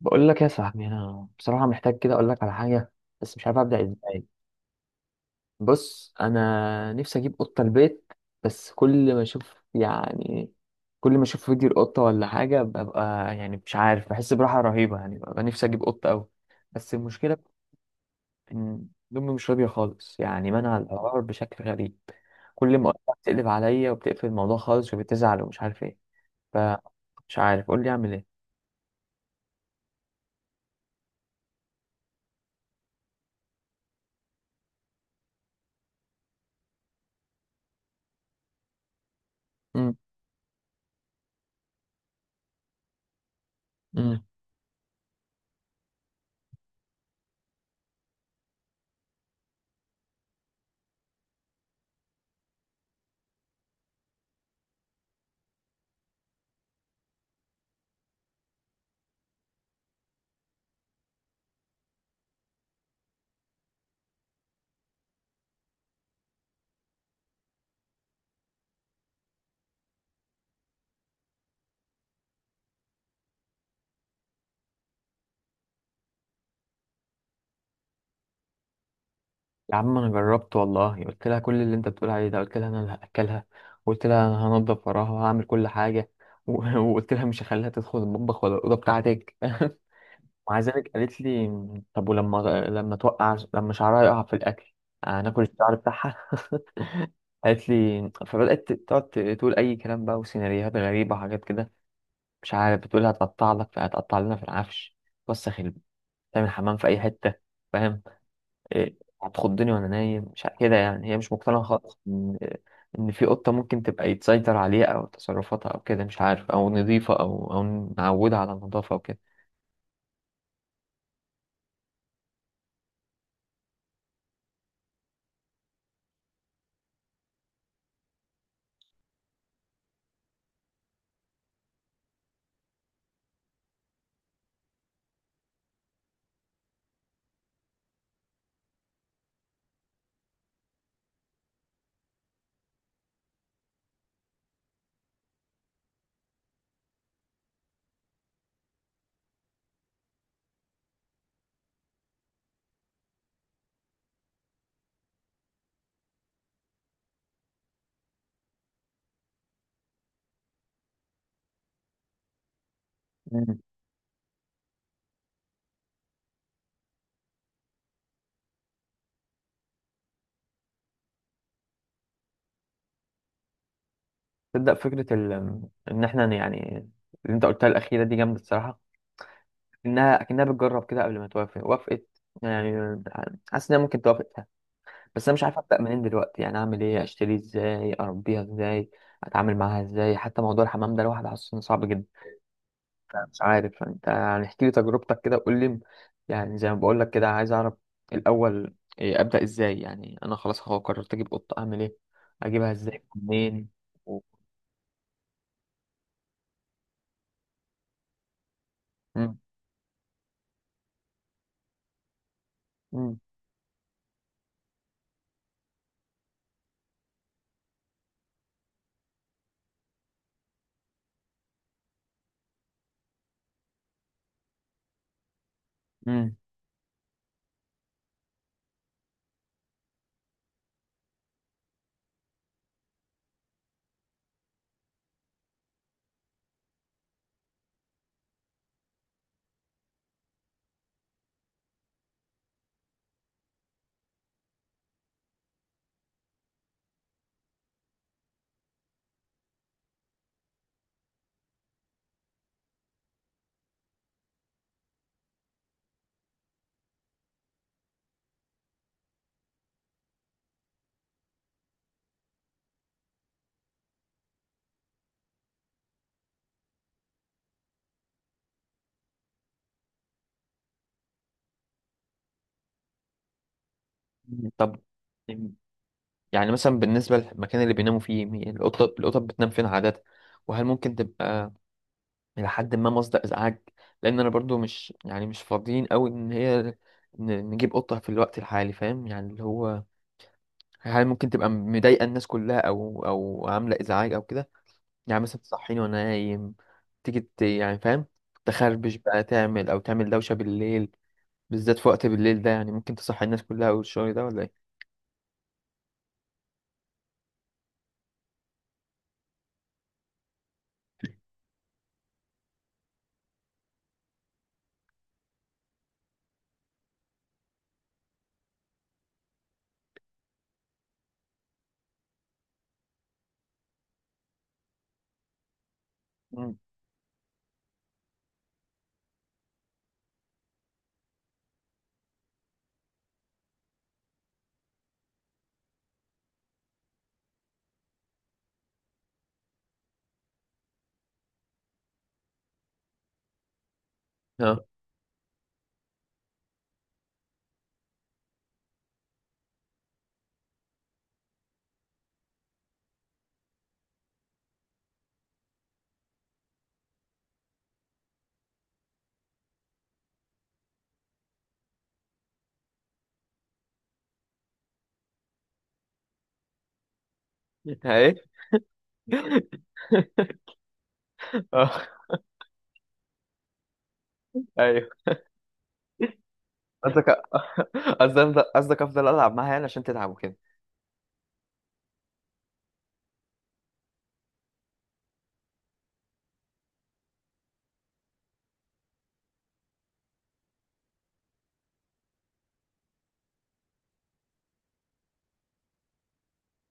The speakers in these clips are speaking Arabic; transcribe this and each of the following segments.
بقول لك يا صاحبي، انا بصراحه محتاج كده اقول لك على حاجه بس مش عارف ابدا ازاي. بص، انا نفسي اجيب قطه البيت، بس كل ما اشوف كل ما اشوف فيديو القطه ولا حاجه ببقى مش عارف بحس براحه رهيبه، يعني ببقى نفسي اجيب قطه قوي. بس المشكله ان امي مش راضيه خالص، يعني منع القرار بشكل غريب. كل ما اقول لها بتقلب عليا وبتقفل الموضوع خالص وبتزعل ومش عارف ايه. فمش عارف، قول لي اعمل ايه. امم يا عم انا جربت والله، قلت لها كل اللي انت بتقول عليه ده، قلت لها انا اللي هاكلها، وقلت لها انا هنضف وراها وهعمل كل حاجه، وقلت لها مش هخليها تدخل المطبخ ولا الاوضه بتاعتك ومع ذلك قالت لي، طب ولما توقع، لما شعرها يقع في الاكل، هناكل الشعر بتاعها؟ قالت لي. فبدات تقعد تقول اي كلام بقى وسيناريوهات غريبه وحاجات كده، مش عارف، بتقول هتقطع لك، فهتقطع لنا في العفش، توسخ تعمل حمام في اي حته، فاهم؟ إيه، هتخضني وانا نايم، مش كده يعني. هي مش مقتنعه خالص ان في قطه ممكن تبقى يتسيطر عليها او تصرفاتها او كده، مش عارف، او نظيفه او نعودها على النظافه او كده. مم. تبدا فكره ال... ان احنا يعني، اللي انت قلتها الاخيره دي جامده الصراحه. انها اكنها بتجرب كده قبل ما توافق، وافقت يعني. حاسس انها ممكن توافق فيها. بس انا مش عارف ابدا منين دلوقتي، يعني اعمل ايه، اشتري ازاي، اربيها ازاي، اتعامل معاها ازاي. حتى موضوع الحمام ده لوحده حاسس إنه صعب جدا. مش عارف، انت يعني احكي لي تجربتك كده وقول لي، يعني زي ما بقول لك كده عايز اعرف الاول إيه، ابدا ازاي؟ يعني انا خلاص هو قررت اجيب قطه، اعمل ايه، اجيبها ازاي، منين؟ و... مم. مم. مم. مم. طب، يعني مثلا بالنسبه للمكان اللي بيناموا فيه، القطه، القطط بتنام فين عاده؟ وهل ممكن تبقى الى حد ما مصدر ازعاج؟ لان انا برضو مش يعني مش فاضيين قوي ان هي نجيب قطه في الوقت الحالي، فاهم؟ يعني اللي هو، هل ممكن تبقى مضايقه الناس كلها او او عامله ازعاج او كده؟ يعني مثلا تصحيني وانا نايم، تيجي يعني، فاهم، تخربش بقى، تعمل او تعمل دوشه بالليل، بالذات في وقت بالليل ده، يعني ممكن تصحي الناس كلها والشغل ده ولا ايه؟ مم. اه. ايه. اه. ايوه، قصدك، قصدك افضل العب معاها يعني عشان تتعب وكده؟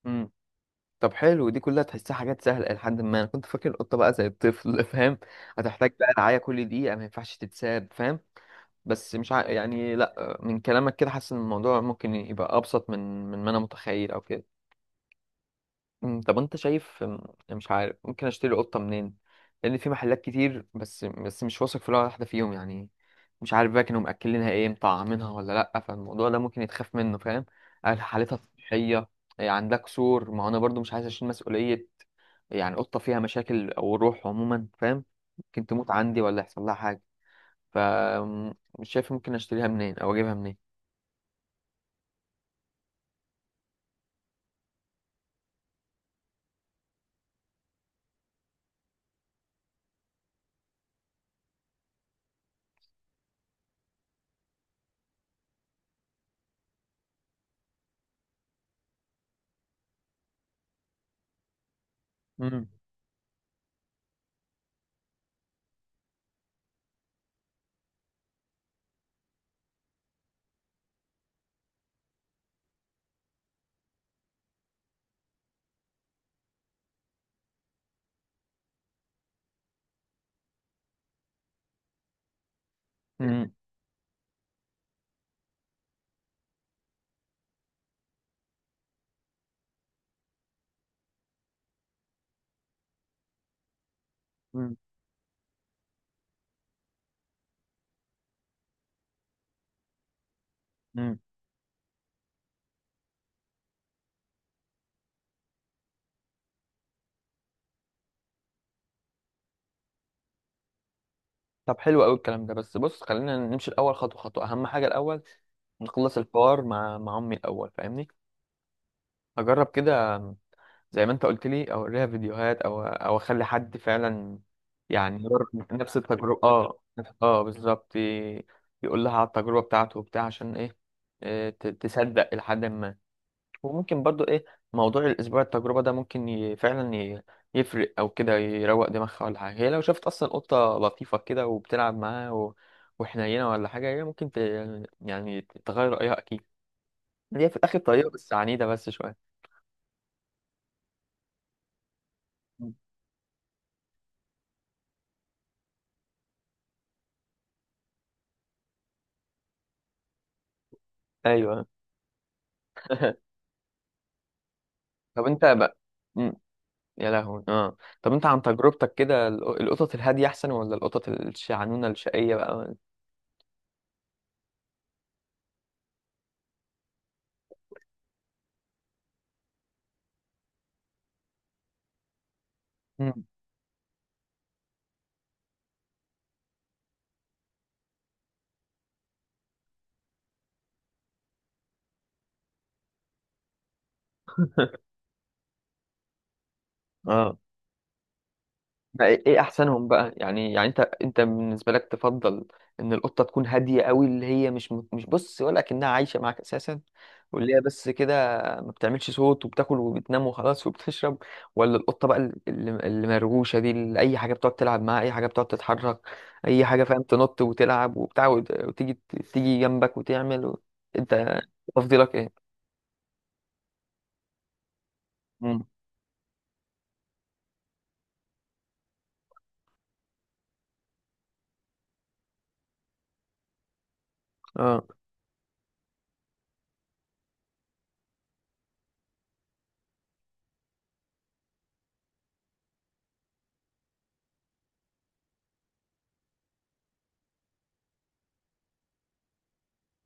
امم. طب حلو، دي كلها تحسها حاجات سهله. لحد ما انا كنت فاكر القطه بقى زي الطفل فاهم، هتحتاج بقى رعايه كل دقيقه، ما ينفعش تتساب، فاهم؟ بس مش ع... يعني لا، من كلامك كده حاسس ان الموضوع ممكن يبقى ابسط من ما انا متخيل او كده. أمم، طب انت شايف؟ أمم، مش عارف ممكن اشتري قطة منين. لان في محلات كتير، بس مش واثق في ولا واحدة فيهم يعني. مش عارف بقى كانوا مأكلينها ايه، مطعمينها ولا لا، فالموضوع ده ممكن يتخاف منه، فاهم؟ هل حالتها صحية؟ إيه، عندها كسور؟ ما هو انا برضو مش عايز اشيل مسؤولية، يعني قطة فيها مشاكل او روح عموما، فاهم، ممكن تموت عندي ولا يحصل لها حاجة. فمش شايف ممكن اشتريها منين او اجيبها منين. مم. مم. مم. مم. طب حلو قوي الكلام ده، بس بص، خلينا نمشي الاول خطوه خطوه. اهم حاجه الاول نخلص الحوار مع امي الاول، فاهمني؟ اجرب كده زي ما انت قلت لي، او اوريها فيديوهات، او او اخلي حد فعلا يعني يمر نفس التجربه، اه. اه بالظبط، يقول لها على التجربه بتاعته وبتاع، عشان ايه، إيه، تصدق لحد ما. وممكن برضو ايه، موضوع الاسبوع التجربه ده ممكن ي... فعلا ي... يفرق، او كده يروق دماغها ولا حاجه. هي لو شافت اصلا قطه لطيفه كده وبتلعب معاها و... وحنينه ولا حاجه، هي ممكن ت... يعني تغير رايها اكيد. هي في الاخر طريقه، بس عنيده بس شويه. مم. ايوه. طب انت بقى. مم. يا لهوي، اه. طب انت عن تجربتك كده، القطط الهاديه احسن ولا القطط الشعنونه الشقيه بقى؟ مم. اه. بقى ايه، إيه احسنهم بقى يعني؟ يعني انت، انت بالنسبه لك تفضل ان القطه تكون هاديه قوي، اللي هي مش مش بص ولا كأنها عايشه معاك اساسا، واللي هي بس كده ما بتعملش صوت وبتاكل وبتنام وخلاص وبتشرب، ولا القطه بقى اللي مرغوشه دي، اللي اي حاجه بتقعد تلعب معاها، اي حاجه بتقعد تتحرك، اي حاجه فاهم، تنط وتلعب وبتاع وتيجي، تيجي جنبك وتعمل و... انت تفضيلك ايه؟ مم.